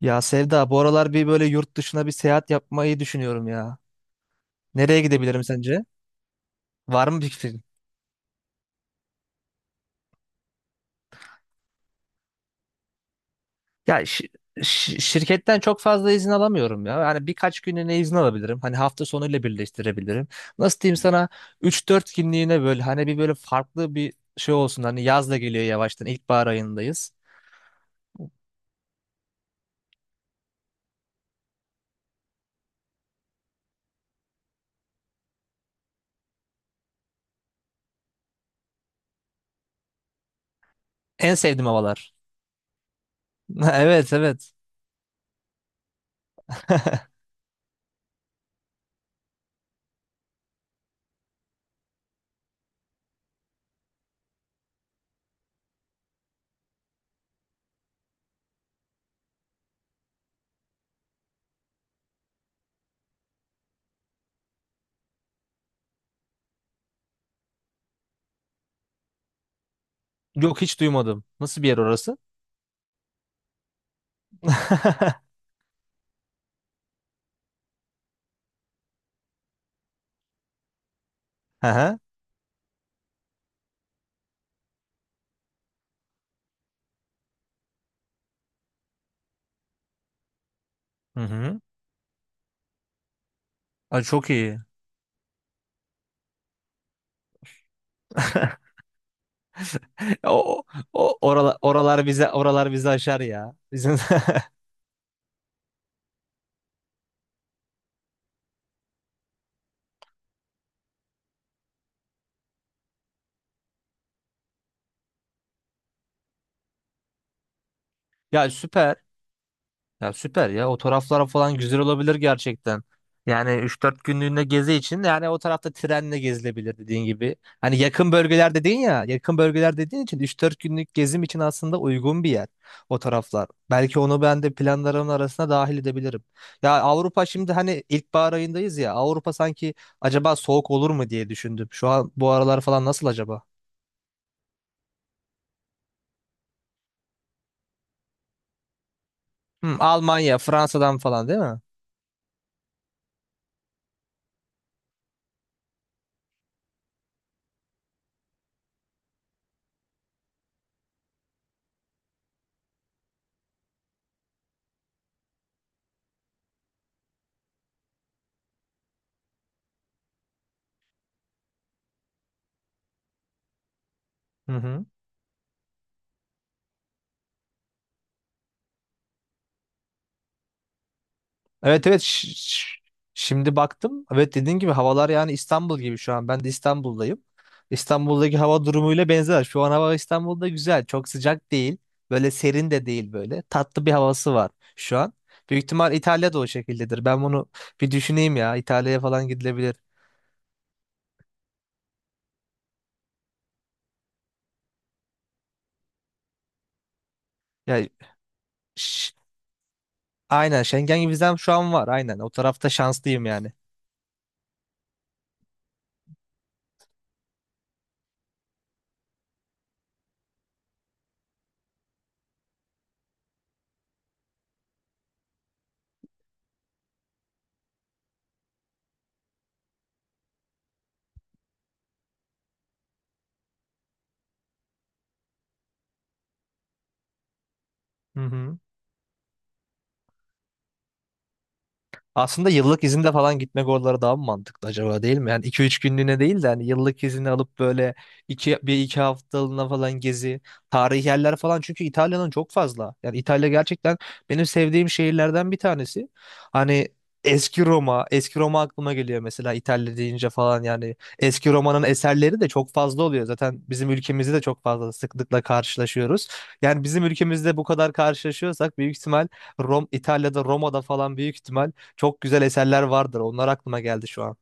Ya Sevda, bu aralar bir böyle yurt dışına bir seyahat yapmayı düşünüyorum ya. Nereye gidebilirim sence? Var mı bir fikrin? Ya şirketten çok fazla izin alamıyorum ya. Hani birkaç günlüğüne izin alabilirim. Hani hafta sonuyla birleştirebilirim. Nasıl diyeyim sana üç dört günlüğüne böyle hani bir böyle farklı bir şey olsun. Hani yaz da geliyor yavaştan. İlkbahar ayındayız. En sevdiğim havalar. Evet evet. Yok hiç duymadım. Nasıl bir yer orası? Hı hı. Hı hı. Ay, çok iyi. O, oralar, oralar bize oralar bizi aşar ya. Bizim ya süper. Ya süper ya. O taraflar falan güzel olabilir gerçekten. Yani 3-4 günlüğüne gezi için yani o tarafta trenle gezilebilir dediğin gibi. Hani yakın bölgeler dedin ya, yakın bölgeler dediğin için üç dört günlük gezim için aslında uygun bir yer o taraflar. Belki onu ben de planlarımın arasına dahil edebilirim. Ya Avrupa şimdi hani ilkbahar ayındayız ya. Avrupa sanki acaba soğuk olur mu diye düşündüm. Şu an bu aralar falan nasıl acaba? Hı, Almanya, Fransa'dan falan değil mi? Hı hı. Evet evet şimdi baktım. Evet dediğin gibi havalar yani İstanbul gibi şu an. Ben de İstanbul'dayım. İstanbul'daki hava durumuyla benzer. Şu an hava İstanbul'da güzel. Çok sıcak değil. Böyle serin de değil böyle. Tatlı bir havası var şu an. Büyük ihtimal İtalya'da o şekildedir. Ben bunu bir düşüneyim ya. İtalya'ya falan gidilebilir. Ya ş- aynen Schengen vizem şu an var. Aynen o tarafta şanslıyım yani. Hı hı. Aslında yıllık izinde falan gitmek oralara daha mı mantıklı acaba değil mi? Yani iki üç günlüğüne değil de hani yıllık izini alıp böyle bir iki haftalığına falan gezi, tarihi yerler falan. Çünkü İtalya'nın çok fazla. Yani İtalya gerçekten benim sevdiğim şehirlerden bir tanesi. Hani eski Roma, aklıma geliyor mesela İtalya deyince falan yani. Eski Roma'nın eserleri de çok fazla oluyor. Zaten bizim ülkemizde de çok fazla sıklıkla karşılaşıyoruz. Yani bizim ülkemizde bu kadar karşılaşıyorsak büyük ihtimal İtalya'da, Roma'da falan büyük ihtimal çok güzel eserler vardır. Onlar aklıma geldi şu an.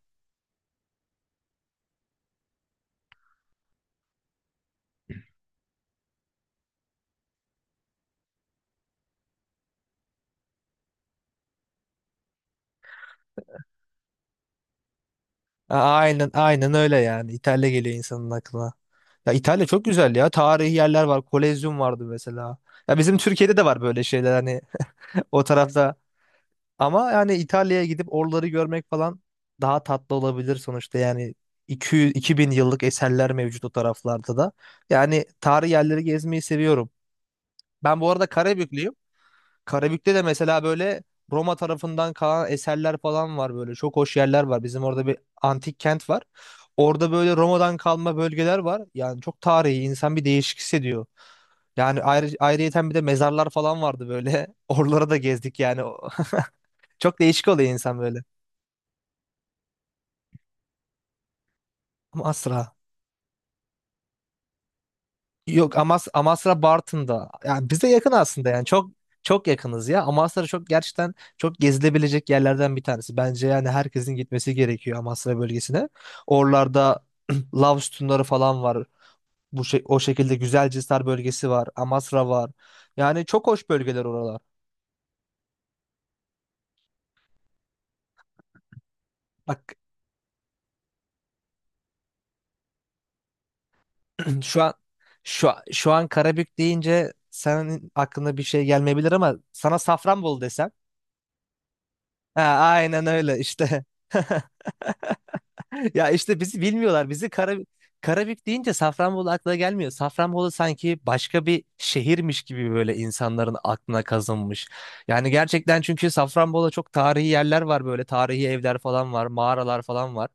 Aynen aynen öyle yani. İtalya geliyor insanın aklına. Ya İtalya çok güzel ya. Tarihi yerler var. Kolezyum vardı mesela. Ya bizim Türkiye'de de var böyle şeyler hani o tarafta. Ama yani İtalya'ya gidip oraları görmek falan daha tatlı olabilir sonuçta. Yani 200, bin yıllık eserler mevcut o taraflarda da. Yani tarihi yerleri gezmeyi seviyorum. Ben bu arada Karabüklüyüm. Karabük'te de mesela böyle Roma tarafından kalan eserler falan var böyle. Çok hoş yerler var. Bizim orada bir antik kent var. Orada böyle Roma'dan kalma bölgeler var. Yani çok tarihi insan bir değişik hissediyor. Yani ayrıyeten bir de mezarlar falan vardı böyle. Oralara da gezdik yani. Çok değişik oluyor insan böyle. Ama asra. Yok Amasra Bartın'da. Yani bize yakın aslında yani çok yakınız ya. Amasra çok gerçekten çok gezilebilecek yerlerden bir tanesi. Bence yani herkesin gitmesi gerekiyor Amasra bölgesine. Oralarda lav sütunları falan var. Bu şey, o şekilde Güzelcisar bölgesi var. Amasra var. Yani çok hoş bölgeler oralar. Bak şu an şu an Karabük deyince senin aklına bir şey gelmeyebilir ama sana Safranbolu desem. Ha, aynen öyle işte. Ya işte bizi bilmiyorlar. Karabük deyince Safranbolu aklına gelmiyor. Safranbolu sanki başka bir şehirmiş gibi böyle insanların aklına kazınmış. Yani gerçekten çünkü Safranbolu'da çok tarihi yerler var böyle. Tarihi evler falan var, mağaralar falan var.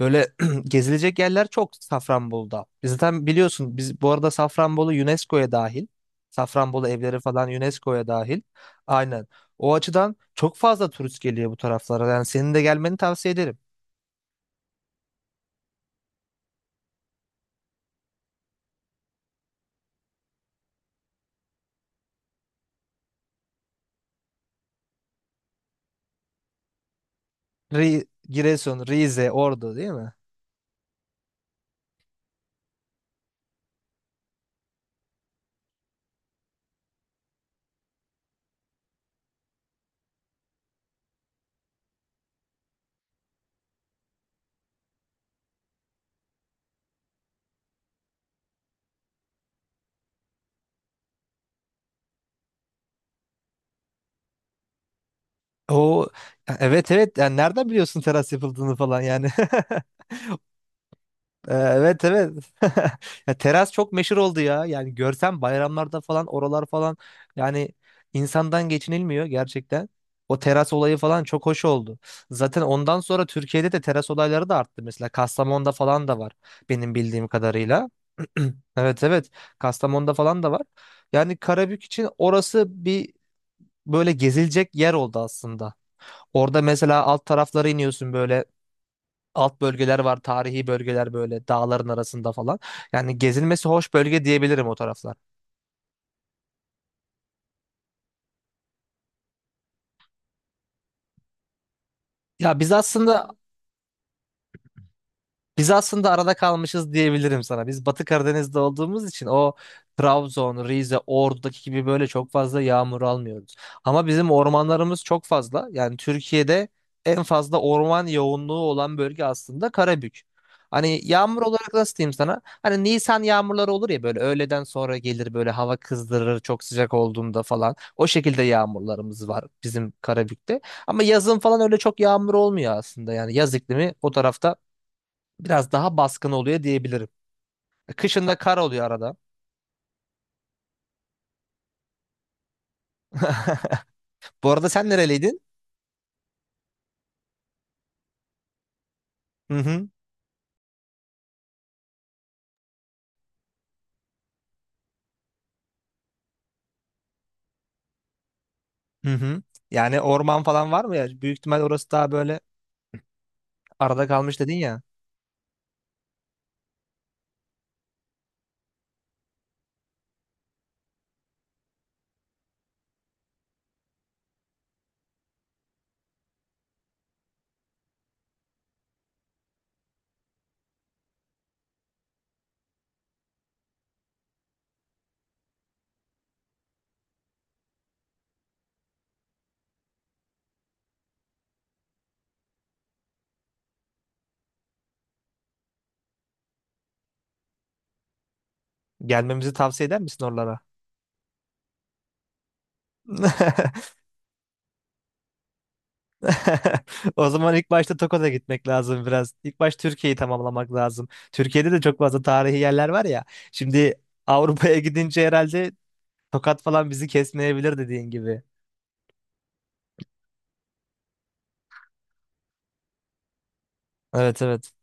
Böyle gezilecek yerler çok Safranbolu'da. Biz zaten biliyorsun biz bu arada Safranbolu UNESCO'ya dahil. Safranbolu evleri falan UNESCO'ya dahil. Aynen. O açıdan çok fazla turist geliyor bu taraflara. Yani senin de gelmeni tavsiye ederim. Giresun, Rize, Ordu değil mi? O evet evet yani nereden biliyorsun teras yapıldığını falan yani. Evet evet. Ya teras çok meşhur oldu ya. Yani görsem bayramlarda falan oralar falan yani insandan geçinilmiyor gerçekten. O teras olayı falan çok hoş oldu. Zaten ondan sonra Türkiye'de de teras olayları da arttı. Mesela Kastamonu'da falan da var benim bildiğim kadarıyla. Evet evet. Kastamonu'da falan da var. Yani Karabük için orası bir böyle gezilecek yer oldu aslında. Orada mesela alt taraflara iniyorsun böyle alt bölgeler var, tarihi bölgeler böyle dağların arasında falan. Yani gezilmesi hoş bölge diyebilirim o taraflar. Ya biz aslında Biz aslında arada kalmışız diyebilirim sana. Biz Batı Karadeniz'de olduğumuz için o Trabzon, Rize, Ordu'daki gibi böyle çok fazla yağmur almıyoruz. Ama bizim ormanlarımız çok fazla. Yani Türkiye'de en fazla orman yoğunluğu olan bölge aslında Karabük. Hani yağmur olarak nasıl diyeyim sana? Hani Nisan yağmurları olur ya böyle öğleden sonra gelir böyle hava kızdırır çok sıcak olduğunda falan. O şekilde yağmurlarımız var bizim Karabük'te. Ama yazın falan öyle çok yağmur olmuyor aslında. Yani yaz iklimi o tarafta biraz daha baskın oluyor diyebilirim. Kışında kar oluyor arada. Bu arada sen nereliydin? Hı hı. Hı hı. Yani orman falan var mı ya? Büyük ihtimal orası daha böyle arada kalmış dedin ya. Gelmemizi tavsiye eder misin oralara? O zaman ilk başta Tokat'a gitmek lazım biraz. İlk baş Türkiye'yi tamamlamak lazım. Türkiye'de de çok fazla tarihi yerler var ya. Şimdi Avrupa'ya gidince herhalde Tokat falan bizi kesmeyebilir dediğin gibi. Evet evet.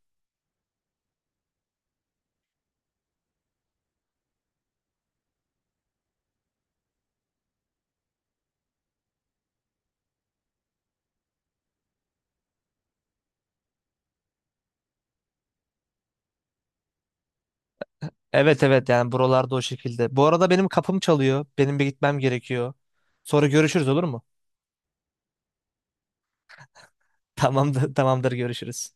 Evet evet yani buralarda o şekilde. Bu arada benim kapım çalıyor. Benim bir gitmem gerekiyor. Sonra görüşürüz olur mu? Tamamdır, tamamdır görüşürüz.